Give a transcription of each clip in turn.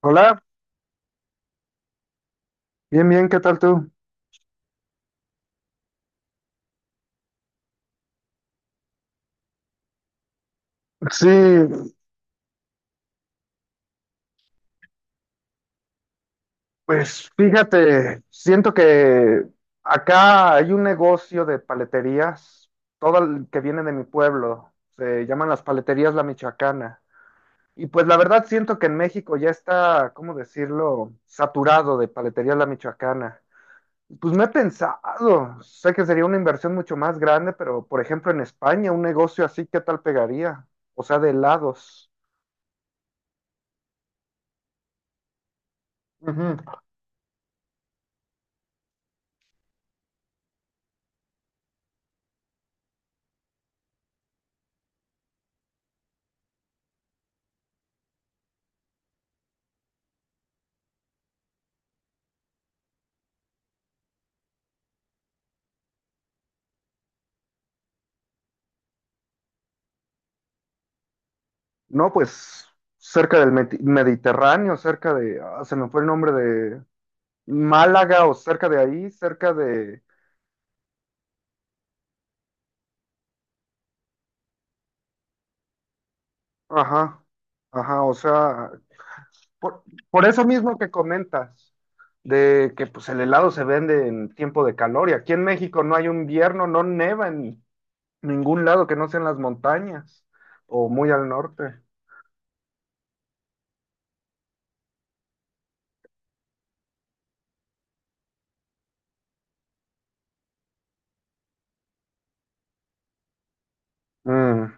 Hola, bien, bien, ¿qué tal tú? Sí, pues fíjate, siento que acá hay un negocio de paleterías, todo el que viene de mi pueblo, se llaman las paleterías La Michoacana. Y pues la verdad siento que en México ya está, ¿cómo decirlo?, saturado de paleterías La Michoacana. Pues me he pensado, sé que sería una inversión mucho más grande, pero por ejemplo en España, un negocio así, ¿qué tal pegaría? O sea, de helados. Ujú. No, pues cerca del Mediterráneo, cerca de, se me fue el nombre de Málaga o cerca de ahí, cerca de, ajá, ajá, o sea, por, por eso mismo que comentas, de que pues el helado se vende en tiempo de calor y aquí en México no hay un invierno, no neva en ningún lado que no sean las montañas o muy al norte. Mm,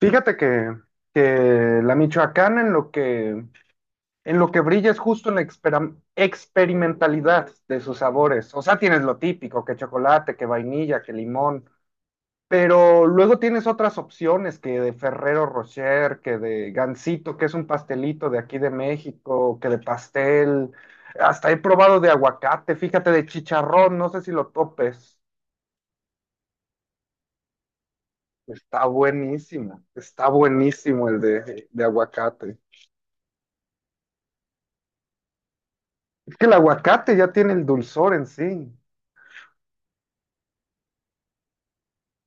Fíjate que la Michoacana en lo que brilla es justo en la experimentalidad de sus sabores. O sea, tienes lo típico, que chocolate, que vainilla, que limón. Pero luego tienes otras opciones que de Ferrero Rocher, que de Gansito, que es un pastelito de aquí de México, que de pastel. Hasta he probado de aguacate, fíjate, de chicharrón, no sé si lo topes. Está buenísimo el de aguacate. Es que el aguacate ya tiene el dulzor en sí.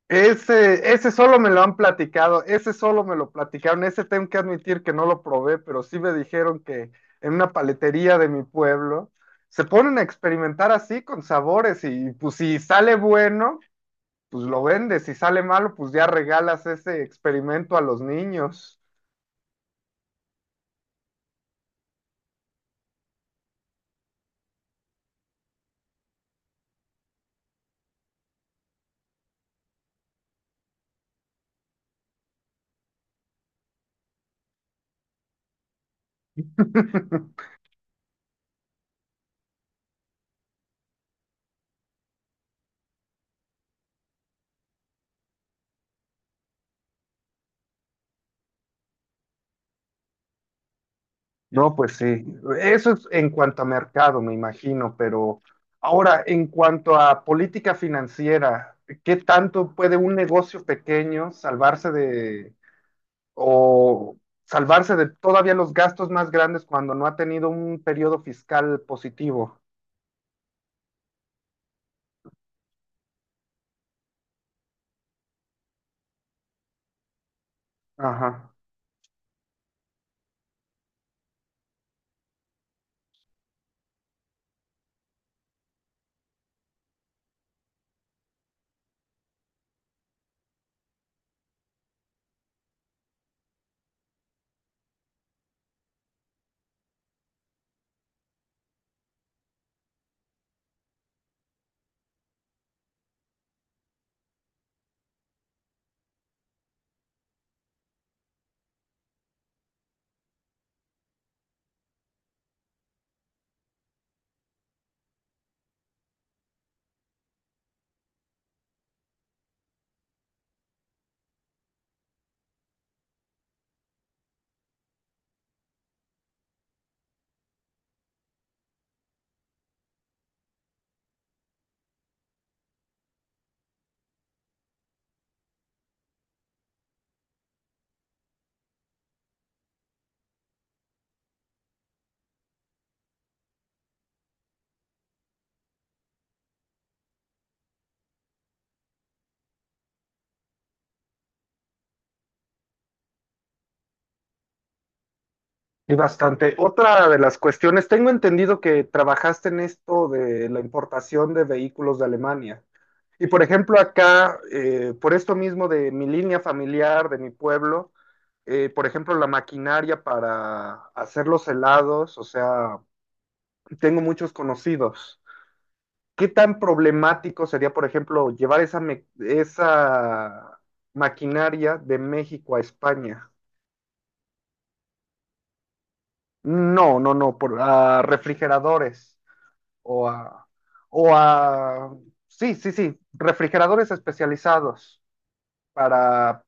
Ese solo me lo han platicado, ese solo me lo platicaron, ese tengo que admitir que no lo probé, pero sí me dijeron que en una paletería de mi pueblo se ponen a experimentar así con sabores y pues si sale bueno, pues lo vendes, si sale malo, pues ya regalas ese experimento a los niños. No, pues sí. Eso es en cuanto a mercado, me imagino, pero ahora, en cuanto a política financiera, ¿qué tanto puede un negocio pequeño salvarse de o salvarse de todavía los gastos más grandes cuando no ha tenido un periodo fiscal positivo? Ajá. Y bastante. Otra de las cuestiones, tengo entendido que trabajaste en esto de la importación de vehículos de Alemania. Y por ejemplo, acá, por esto mismo de mi línea familiar, de mi pueblo, por ejemplo, la maquinaria para hacer los helados, o sea, tengo muchos conocidos. ¿Qué tan problemático sería, por ejemplo, llevar esa maquinaria de México a España? No, no, no, a refrigeradores o o a, sí, sí, sí, refrigeradores especializados para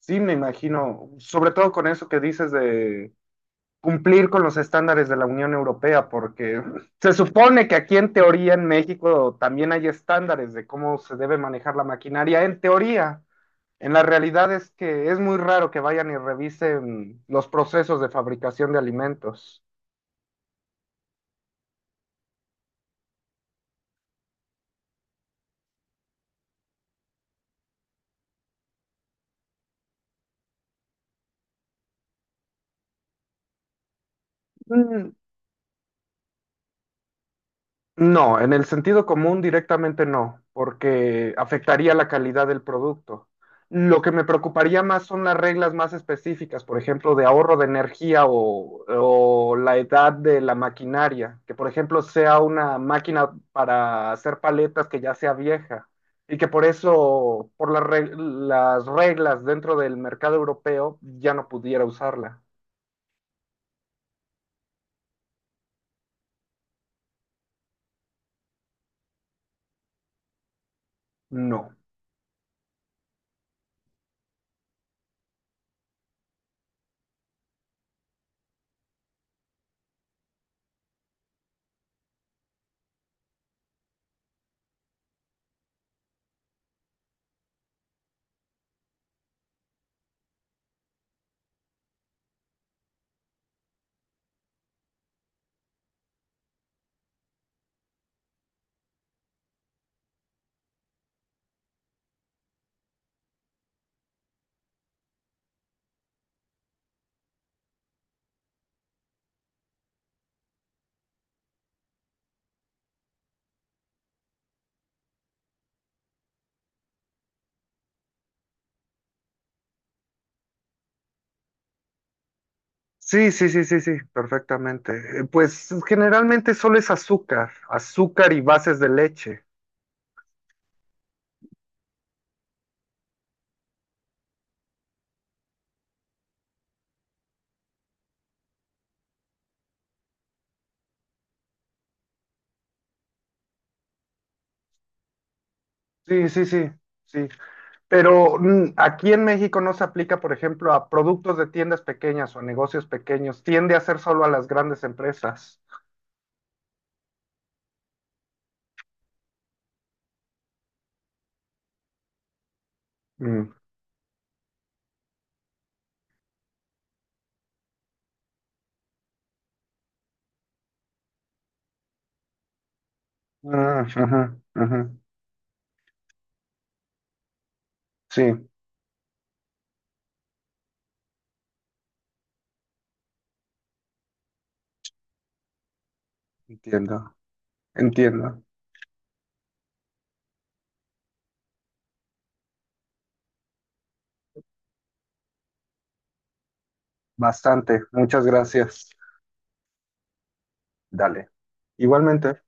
sí, me imagino, sobre todo con eso que dices de cumplir con los estándares de la Unión Europea, porque se supone que aquí en teoría en México también hay estándares de cómo se debe manejar la maquinaria, en teoría. En la realidad es que es muy raro que vayan y revisen los procesos de fabricación de alimentos. Mm, No, en el sentido común directamente no, porque afectaría la calidad del producto. Lo que me preocuparía más son las reglas más específicas, por ejemplo, de ahorro de energía o la edad de la maquinaria, que por ejemplo sea una máquina para hacer paletas que ya sea vieja y que por eso, por las reglas dentro del mercado europeo, ya no pudiera usarla. No. Sí, sí, sí, sí, sí, perfectamente. Pues generalmente solo es azúcar, azúcar y bases de leche. Sí, sí, sí, sí. Pero mm, aquí en México no se aplica, por ejemplo, a productos de tiendas pequeñas o a negocios pequeños. Tiende a ser solo a las grandes empresas. Mm. Ah, ajá, ajá. Sí, entiendo, entiendo. Bastante. Muchas gracias. Dale. Igualmente.